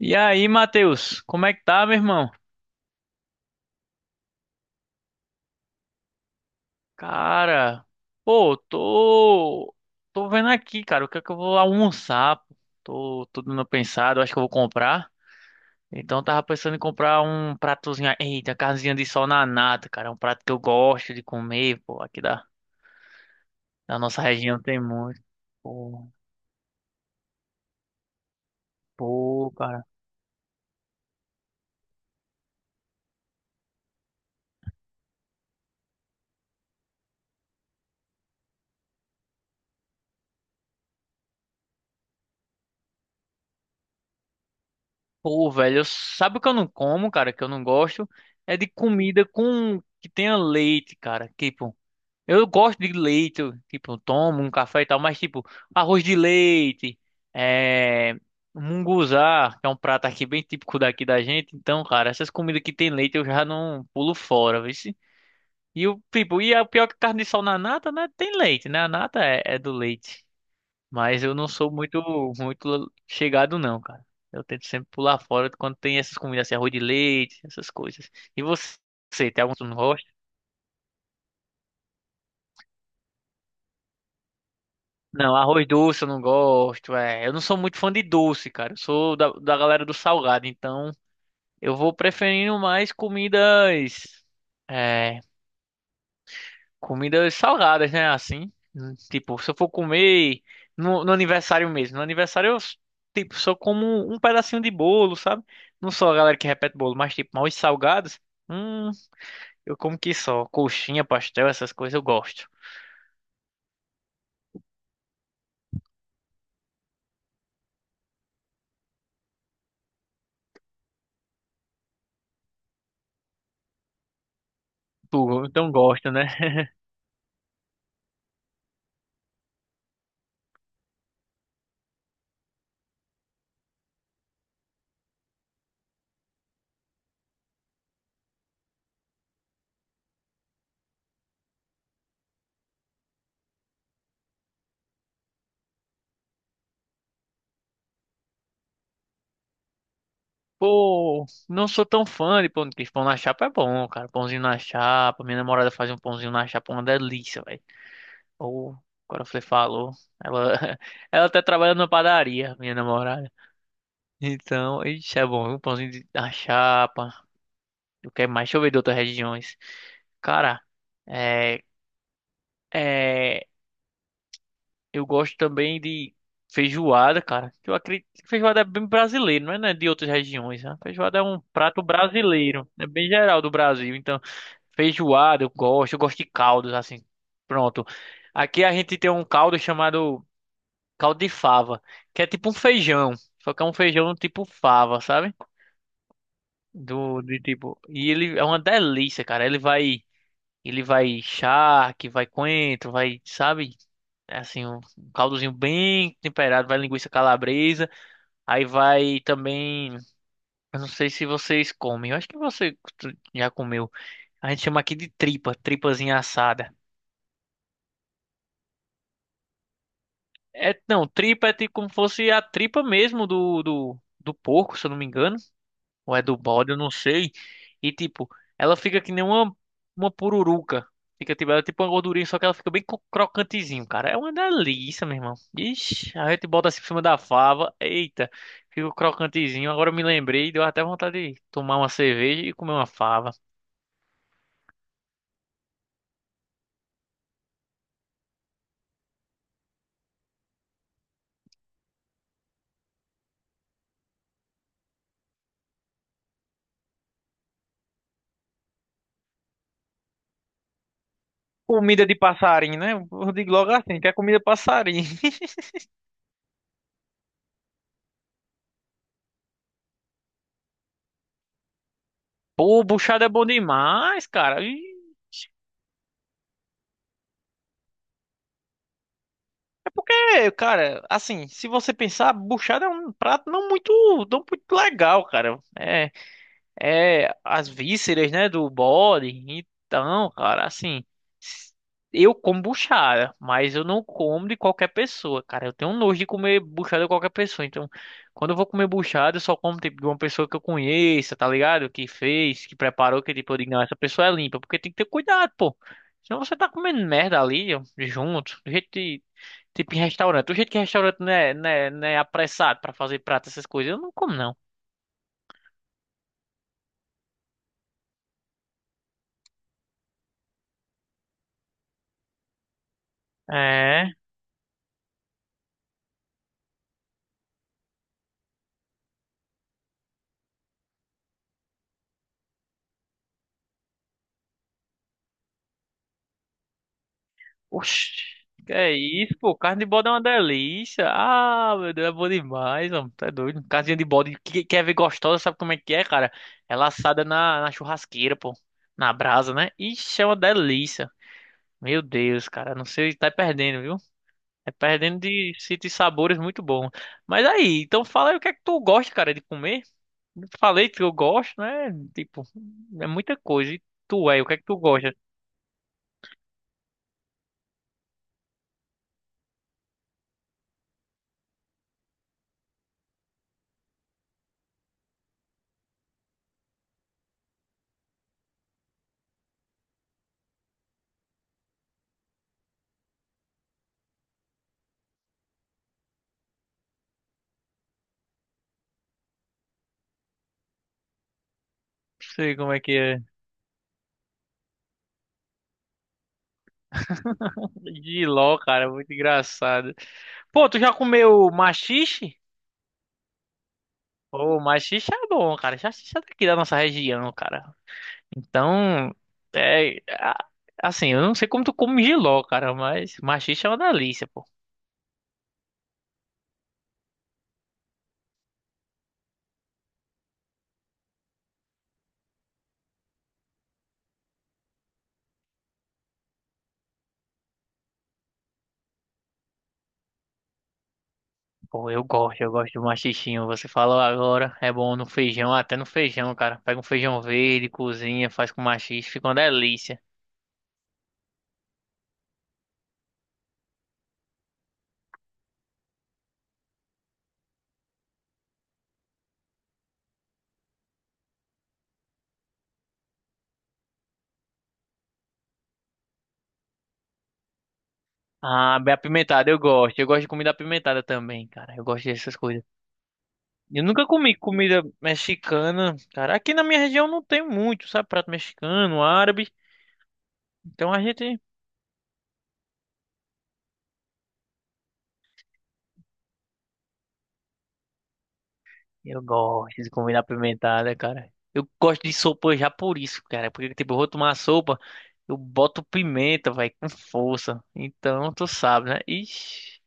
E aí, Matheus, como é que tá, meu irmão? Cara, pô, tô vendo aqui, cara, o que é que eu vou almoçar, pô? Tô dando uma pensada, eu acho que eu vou comprar. Então, eu tava pensando em comprar um pratozinho, eita, carnezinha de sol na nata, cara, é um prato que eu gosto de comer, pô, aqui da nossa região tem muito. Pô, pô, cara, pô, velho, sabe o que eu não como, cara, que eu não gosto? É de comida com que tenha leite, cara, tipo. Eu gosto de leite, eu, tipo, eu tomo um café e tal, mas tipo, arroz de leite, é, munguzá, que é um prato aqui bem típico daqui da gente. Então, cara, essas comidas que tem leite eu já não pulo fora, viu? E o tipo, e a pior que carne de sol na nata, né? Tem leite, né? A nata é do leite. Mas eu não sou muito, muito chegado, não, cara. Eu tento sempre pular fora quando tem essas comidas assim, arroz de leite, essas coisas. E você tem algum que não gosta? Não, arroz doce eu não gosto. É, eu não sou muito fã de doce, cara. Eu sou da, galera do salgado, então eu vou preferindo mais comidas, é, comidas salgadas, né? Assim, tipo, se eu for comer no aniversário mesmo, no aniversário eu tipo só como um pedacinho de bolo, sabe? Não sou a galera que repete bolo, mas tipo, mais salgados, hum, eu como que só coxinha, pastel, essas coisas eu gosto. Tu, então gosta, né? Pô, não sou tão fã de pão de queijo. Pão na chapa é bom, cara. Pãozinho na chapa. Minha namorada faz um pãozinho na chapa, uma delícia, velho. Ou, agora você falou. Ela, ela até trabalha numa padaria, minha namorada. Então, isso é bom. Um pãozinho na chapa. O que é mais? Deixa eu ver de outras regiões. Cara, é. É. Eu gosto também de feijoada, cara. Eu acredito que feijoada é bem brasileiro, não é, né, de outras regiões. Né? Feijoada é um prato brasileiro, é bem geral do Brasil. Então, feijoada eu gosto, de caldos assim. Pronto. Aqui a gente tem um caldo chamado caldo de fava, que é tipo um feijão, só que é um feijão tipo fava, sabe? Do de tipo, e ele é uma delícia, cara. ele vai charque, vai coentro, vai, sabe? É assim, um caldozinho bem temperado, vai linguiça calabresa, aí vai também, eu não sei se vocês comem, eu acho que você já comeu. A gente chama aqui de tripa, tripazinha assada. É, não, tripa é tipo como fosse a tripa mesmo do, do porco, se eu não me engano. Ou é do bode, eu não sei. E tipo, ela fica que nem uma pururuca. Fica tipo, ela é tipo uma gordurinha, só que ela fica bem crocantezinho, cara. É uma delícia, meu irmão. Ixi, a gente bota assim por cima da fava. Eita, fica crocantezinho. Agora eu me lembrei, deu até vontade de tomar uma cerveja e comer uma fava. Comida de passarinho, né? Eu digo logo assim, que é comida de passarinho. Pô, buchada é bom demais, cara. E, é, cara, assim, se você pensar, buchada é um prato não muito, não muito legal, cara. É. É as vísceras, né, do bode. Então, cara, assim, eu como buchada, mas eu não como de qualquer pessoa, cara. Eu tenho nojo de comer buchada de qualquer pessoa. Então, quando eu vou comer buchada, eu só como tipo, de uma pessoa que eu conheça, tá ligado? Que fez, que preparou, que tipo, eu digo, não, essa pessoa é limpa, porque tem que ter cuidado, pô. Senão você tá comendo merda ali, ó, junto, do jeito de, tipo em restaurante. Do jeito que restaurante não é apressado pra fazer prato, essas coisas, eu não como, não. É. Oxi, que é isso, pô? Carne de bode é uma delícia. Ah, meu Deus, é bom demais, mano. Tá doido. Casinha de bode, que quer ver gostosa, sabe como é que é, cara? Ela assada na, churrasqueira, pô. Na brasa, né? Ixi, é uma delícia. Meu Deus, cara, não sei, tá perdendo, viu? É perdendo de sabores muito bons. Mas aí, então fala aí o que é que tu gosta, cara, de comer. Eu falei que eu gosto, né? Tipo, é muita coisa. E tu, o que é que tu gosta? Não sei como é que é. Giló, cara, muito engraçado. Pô, tu já comeu maxixe? Pô, maxixe é bom, cara. Maxixe é daqui da nossa região, cara. Então, é... a- assim, eu não sei como tu come jiló, cara, mas maxixe é uma delícia, pô. Pô, eu gosto de maxixinho. Você falou agora, é bom no feijão, até no feijão, cara. Pega um feijão verde, cozinha, faz com maxixe, fica uma delícia. Ah, bem apimentado, eu gosto. Eu gosto de comida apimentada também, cara. Eu gosto dessas coisas. Eu nunca comi comida mexicana, cara. Aqui na minha região não tem muito, sabe? Prato mexicano, árabe. Então a gente. Eu gosto de comida apimentada, cara. Eu gosto de sopa já por isso, cara. Porque, tipo, eu vou tomar sopa, eu boto pimenta, vai, com força. Então, tu sabe, né? Ixi.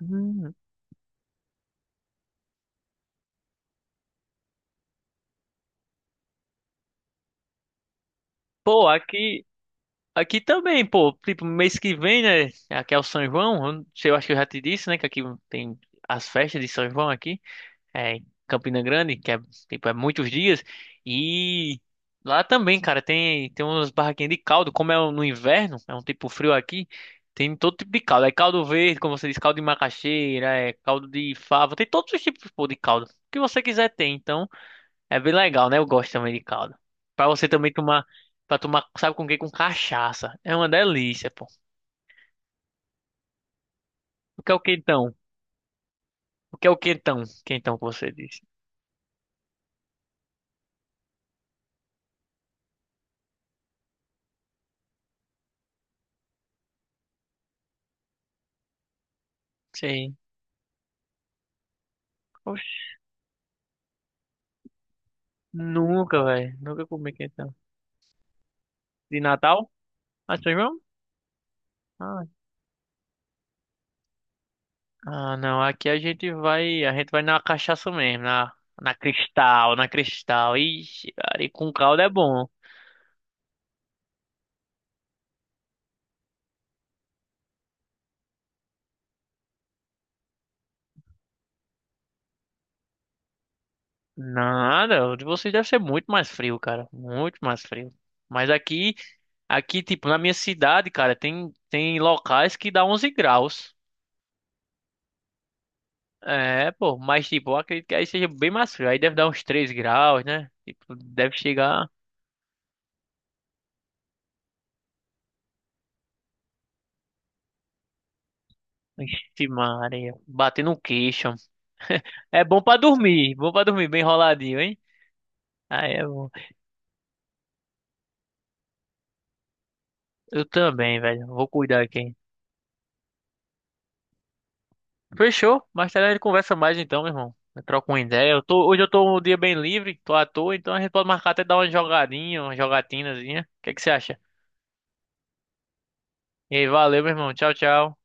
Hum. Pô, aqui. Aqui também, pô. Tipo, mês que vem, né? Aqui é o São João. Eu não sei, eu acho que eu já te disse, né? Que aqui tem as festas de São João aqui. É, em Campina Grande, que é, tipo, é muitos dias. E lá também, cara, tem, umas barraquinhas de caldo, como é no inverno, é um tipo frio aqui, tem todo tipo de caldo. É caldo verde, como você diz, caldo de macaxeira, é caldo de fava, tem todos os tipos, pô, de caldo. O que você quiser tem, então é bem legal, né? Eu gosto também de caldo. Pra você também tomar, pra tomar, sabe com o quê? Com cachaça. É uma delícia, pô. O que é o quentão? O que é o quentão? Quentão que você disse. Sim. Oxe, nunca, velho. Nunca comi quentão. De Natal? Ah, São João? Ah, ah, não. Aqui a gente vai, na cachaça mesmo, na Cristal, na Cristal. Ixi, cara, e com caldo é bom. Nada, o de vocês deve ser muito mais frio, cara. Muito mais frio. Mas aqui, tipo, na minha cidade, cara, tem locais que dá 11 graus. É, pô, mas tipo, eu acredito que aí seja bem mais frio. Aí deve dar uns 3 graus, né? Tipo, deve chegar. Ixi, Maria, bater no queixo. É bom pra dormir, bem enroladinho, hein? Ah, é bom. Eu também, velho. Vou cuidar aqui. Fechou? Mais tarde a gente conversa mais então, meu irmão. Eu troco uma ideia. Eu tô, hoje eu tô um dia bem livre, tô à toa, então a gente pode marcar até dar uma jogadinha, uma jogatinazinha. O que é que você acha? E aí, valeu, meu irmão. Tchau, tchau.